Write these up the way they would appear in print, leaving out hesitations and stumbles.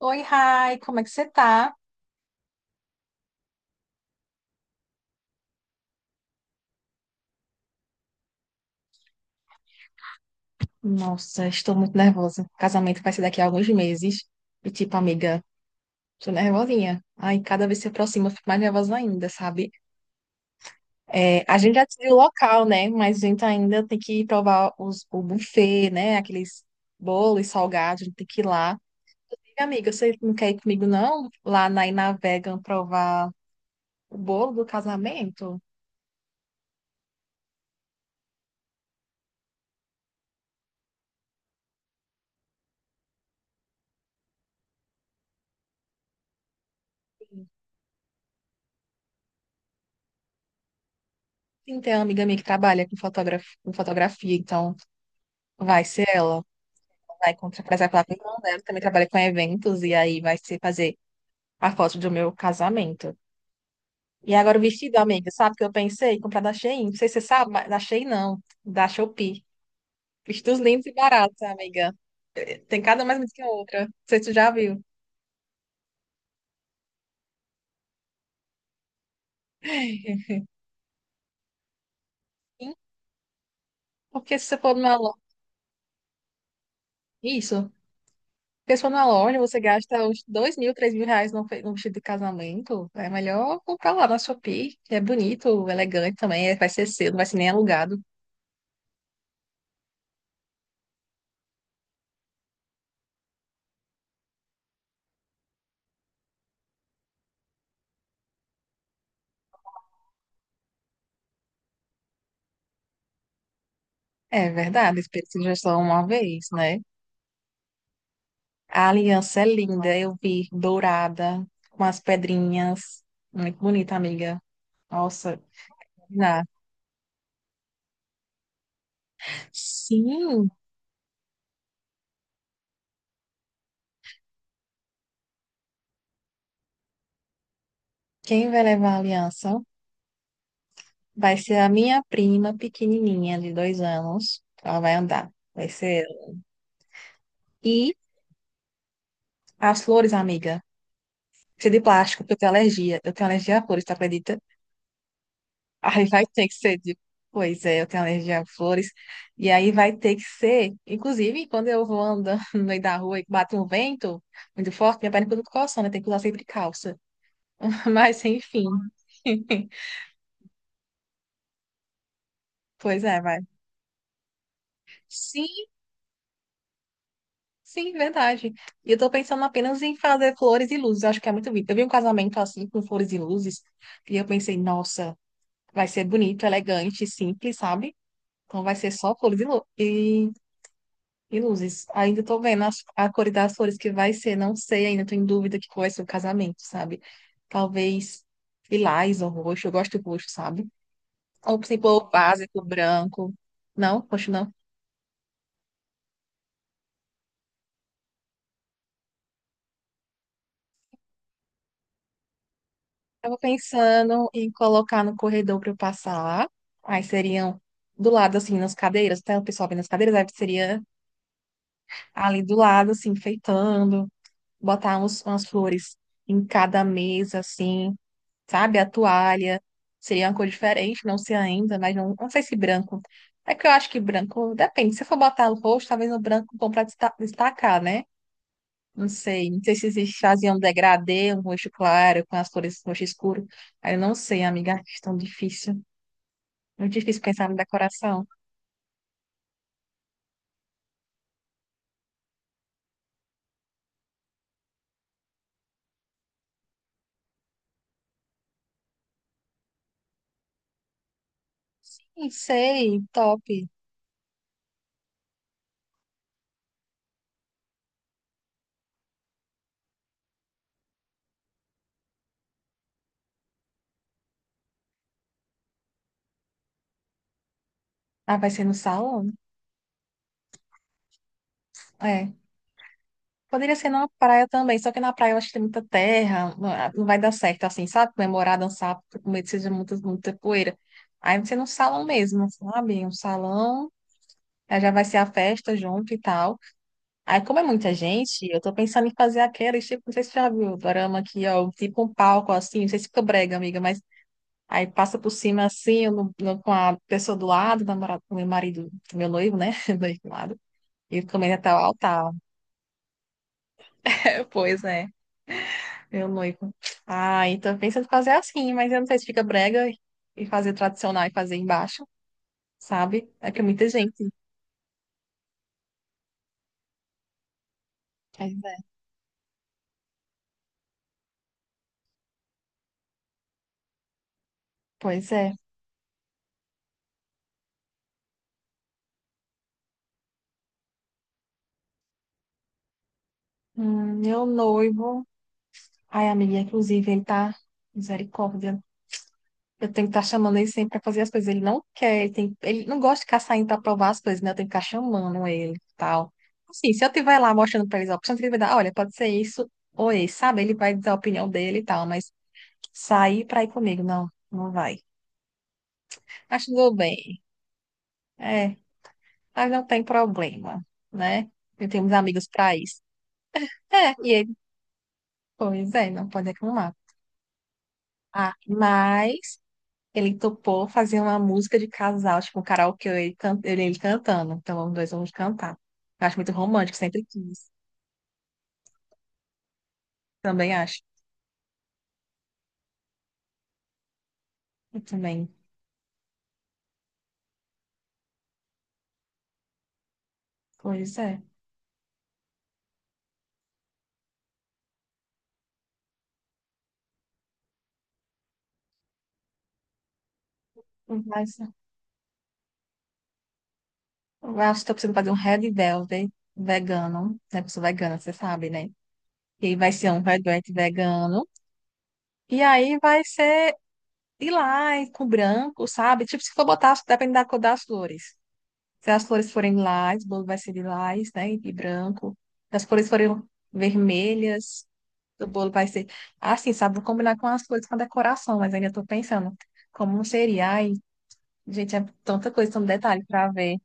Oi, Rai, como é que você tá? Nossa, estou muito nervosa. Casamento vai ser daqui a alguns meses. E, tipo, amiga, tô nervosinha. Ai, cada vez que se aproxima, eu fico mais nervosa ainda, sabe? É, a gente já decidiu o local, né? Mas a gente ainda tem que provar o buffet, né? Aqueles bolos salgados, a gente tem que ir lá. E, amiga, você não quer ir comigo, não? Lá na Inavegan provar o bolo do casamento? Sim, tem uma amiga minha que trabalha com fotógrafo, com fotografia, então vai ser ela. Vai contra, por exemplo, a irmã dela também trabalha com eventos e aí vai se fazer a foto do meu casamento. E agora o vestido, amiga, sabe o que eu pensei? Comprar da Shein. Não sei se você sabe, mas da Shein não, da Shopee. Vestidos lindos e baratos, amiga. Tem cada um mais bonito que a outra. Não sei se tu já viu. Sim, porque se você for numa loja. Isso. Porque se for numa loja, você gasta uns 2 mil, 3 mil reais num vestido de casamento. É melhor comprar lá na Shopee, que é bonito, elegante também. Vai ser seu, não vai ser nem alugado. É verdade, espírito já só uma vez, né? A aliança é linda, eu vi, dourada, com as pedrinhas. Muito bonita, amiga. Nossa, na- sim, quem vai levar a aliança vai ser a minha prima pequenininha, de 2 anos. Ela vai andar, vai ser ela. E as flores, amiga. Ser de plástico, porque eu tenho alergia. Eu tenho alergia a flores, tu acredita? Aí vai ter que ser de. Pois é, eu tenho alergia a flores. E aí vai ter que ser. Inclusive, quando eu vou andando no meio da rua e bate um vento muito forte, minha perna fica tudo coçando, né? Tem que usar sempre calça. Mas, enfim. Pois é, vai. Sim, sim, verdade. E eu tô pensando apenas em fazer flores e luzes. Eu acho que é muito bonito. Eu vi um casamento assim, com flores e luzes, e eu pensei, nossa, vai ser bonito, elegante, simples, sabe? Então vai ser só flores e luzes. Ainda tô vendo a cor das flores que vai ser, não sei ainda, tô em dúvida que cor vai ser o casamento, sabe? Talvez lilás ou roxo, eu gosto de roxo, sabe? Ou se for básico, branco. Não, roxo não. Tava pensando em colocar no corredor para eu passar. Aí seriam do lado, assim, nas cadeiras, tá? O pessoal vendo nas cadeiras, aí seria ali do lado, assim, enfeitando, botar umas flores em cada mesa, assim. Sabe? A toalha seria uma cor diferente, não sei ainda, mas não, não sei se branco. É que eu acho que branco, depende. Se for botar o rosto, talvez no branco bom para destacar, né? Não sei. Não sei se eles faziam um degradê, um roxo claro, com as cores roxo escuro. Aí eu não sei, amiga, acho tão difícil. Muito difícil pensar na decoração. Não sei, top. Ah, vai ser no salão? É. Poderia ser na praia também, só que na praia eu acho que tem muita terra, não ah, não vai dar certo assim, sabe? Comemorar, dançar, porque com medo que seja muita, muita poeira. Aí você num salão mesmo, sabe? Um salão, aí já vai ser a festa junto e tal. Aí, como é muita gente, eu tô pensando em fazer aquela, tipo, não sei se você já viu o dorama aqui, ó, tipo um palco assim, não sei se fica brega, amiga, mas aí passa por cima assim, eu com a pessoa do lado, namorado, meu marido, meu noivo, né? Do lado, e também até o altar. Pois é. Meu noivo. Ah, então pensa em fazer assim, mas eu não sei se fica brega e fazer tradicional e fazer embaixo, sabe? É que é muita gente. Pois é. Pois é. Meu noivo. Ai, amiga, inclusive, ele tá. Misericórdia. Eu tenho que estar chamando ele sempre pra fazer as coisas. Ele não quer, ele, tem... ele não gosta de ficar saindo pra provar as coisas, né? Eu tenho que ficar chamando ele e tal. Assim, se eu estiver lá mostrando pra eles a opção, ele vai dar, olha, pode ser isso ou esse, sabe? Ele vai dizer a opinião dele e tal, mas sair pra ir comigo, não, não vai. Mas tudo bem. É, mas não tem problema, né? Eu tenho uns amigos para isso. É, e ele, pois é, não pode reclamar. Ah, mas ele topou fazer uma música de casal, tipo um karaokê, ele cantando. Então, os dois vamos cantar. Eu acho muito romântico, sempre quis. Também acho. Eu também. Pois é. Mas eu acho que tô precisando fazer um Red Velvet vegano, né? Pessoa vegana, você sabe, né? E aí vai ser um Red Velvet vegano. E aí vai ser de lilás com branco, sabe? Tipo, se for botar, depende da cor das flores. Se as flores forem lilás, o bolo vai ser lilás, né? E branco. Se as flores forem vermelhas, o bolo vai ser. Assim, sabe? Vou combinar com as flores com a decoração, mas ainda tô pensando como seria. Ai, gente, é tanta coisa, tanto detalhe pra ver.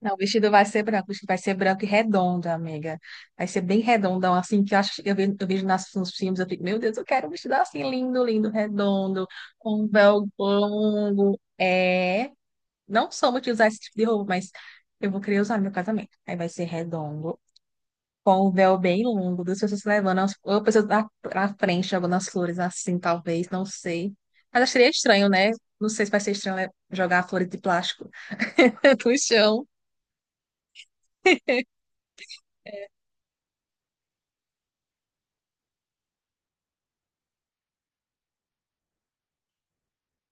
Não, o vestido vai ser branco, o vestido vai ser branco e redondo, amiga. Vai ser bem redondão, assim, que eu acho, eu vejo nos filmes, eu fico, meu Deus, eu quero um vestido assim, lindo, lindo, redondo, com um véu longo. É, não sou muito de usar esse tipo de roupa, mas eu vou querer usar no meu casamento. Aí vai ser redondo, com o véu bem longo, duas pessoas se levando, ou pessoas na frente, jogando as flores assim, talvez, não sei. Mas acharia estranho, né? Não sei se vai ser estranho né, jogar flores de plástico no chão.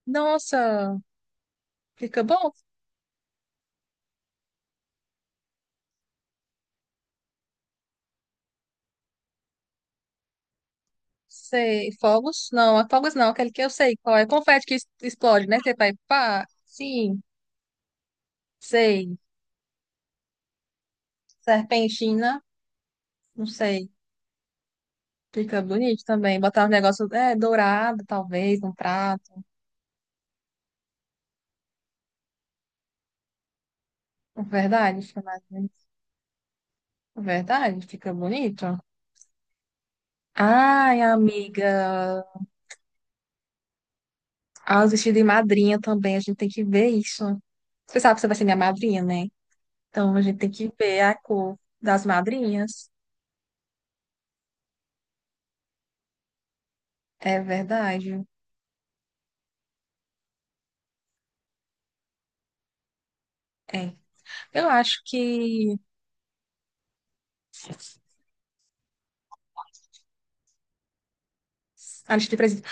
Nossa! Fica bom? Sei. Fogos? Não, é fogos não. Aquele que eu sei qual é. Confete que explode, né? Você vai pá. Sim, sei. Serpentina? Não sei. Fica bonito também. Botar um negócio é, dourado, talvez, num prato. Verdade, fica mais bonito. Verdade, fica bonito. Ai, amiga. Ah, os vestidos de madrinha também. A gente tem que ver isso. Você sabe que você vai ser minha madrinha, né? Então a gente tem que ver a cor das madrinhas. É verdade. É. Eu acho que a lista de presentes,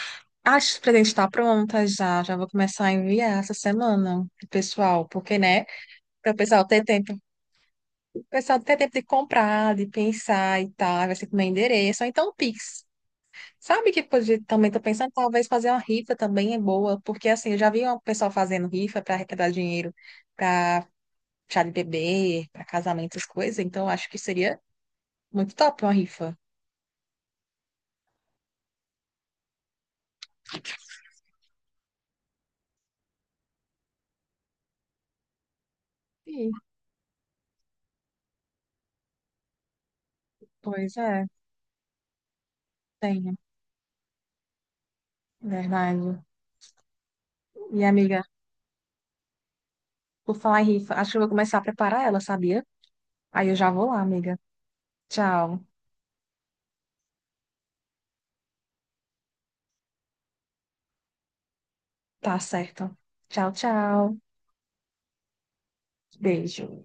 a lista de presentes está pronta já. Já vou começar a enviar essa semana, pro pessoal, porque, né, para o pessoal ter tempo, o pessoal ter tempo de comprar, de pensar e tal, vai ser com meu endereço, ou então o Pix. Sabe que podia, também tô pensando, talvez fazer uma rifa também é boa, porque assim, eu já vi o pessoal fazendo rifa para arrecadar dinheiro para chá de bebê, para casamento, essas coisas, então eu acho que seria muito top uma rifa. Sim. Pois é, tenho, verdade. E amiga, por falar em rifa, acho que eu vou começar a preparar ela, sabia? Aí eu já vou lá, amiga. Tchau. Tá certo. Tchau, tchau. Beijo.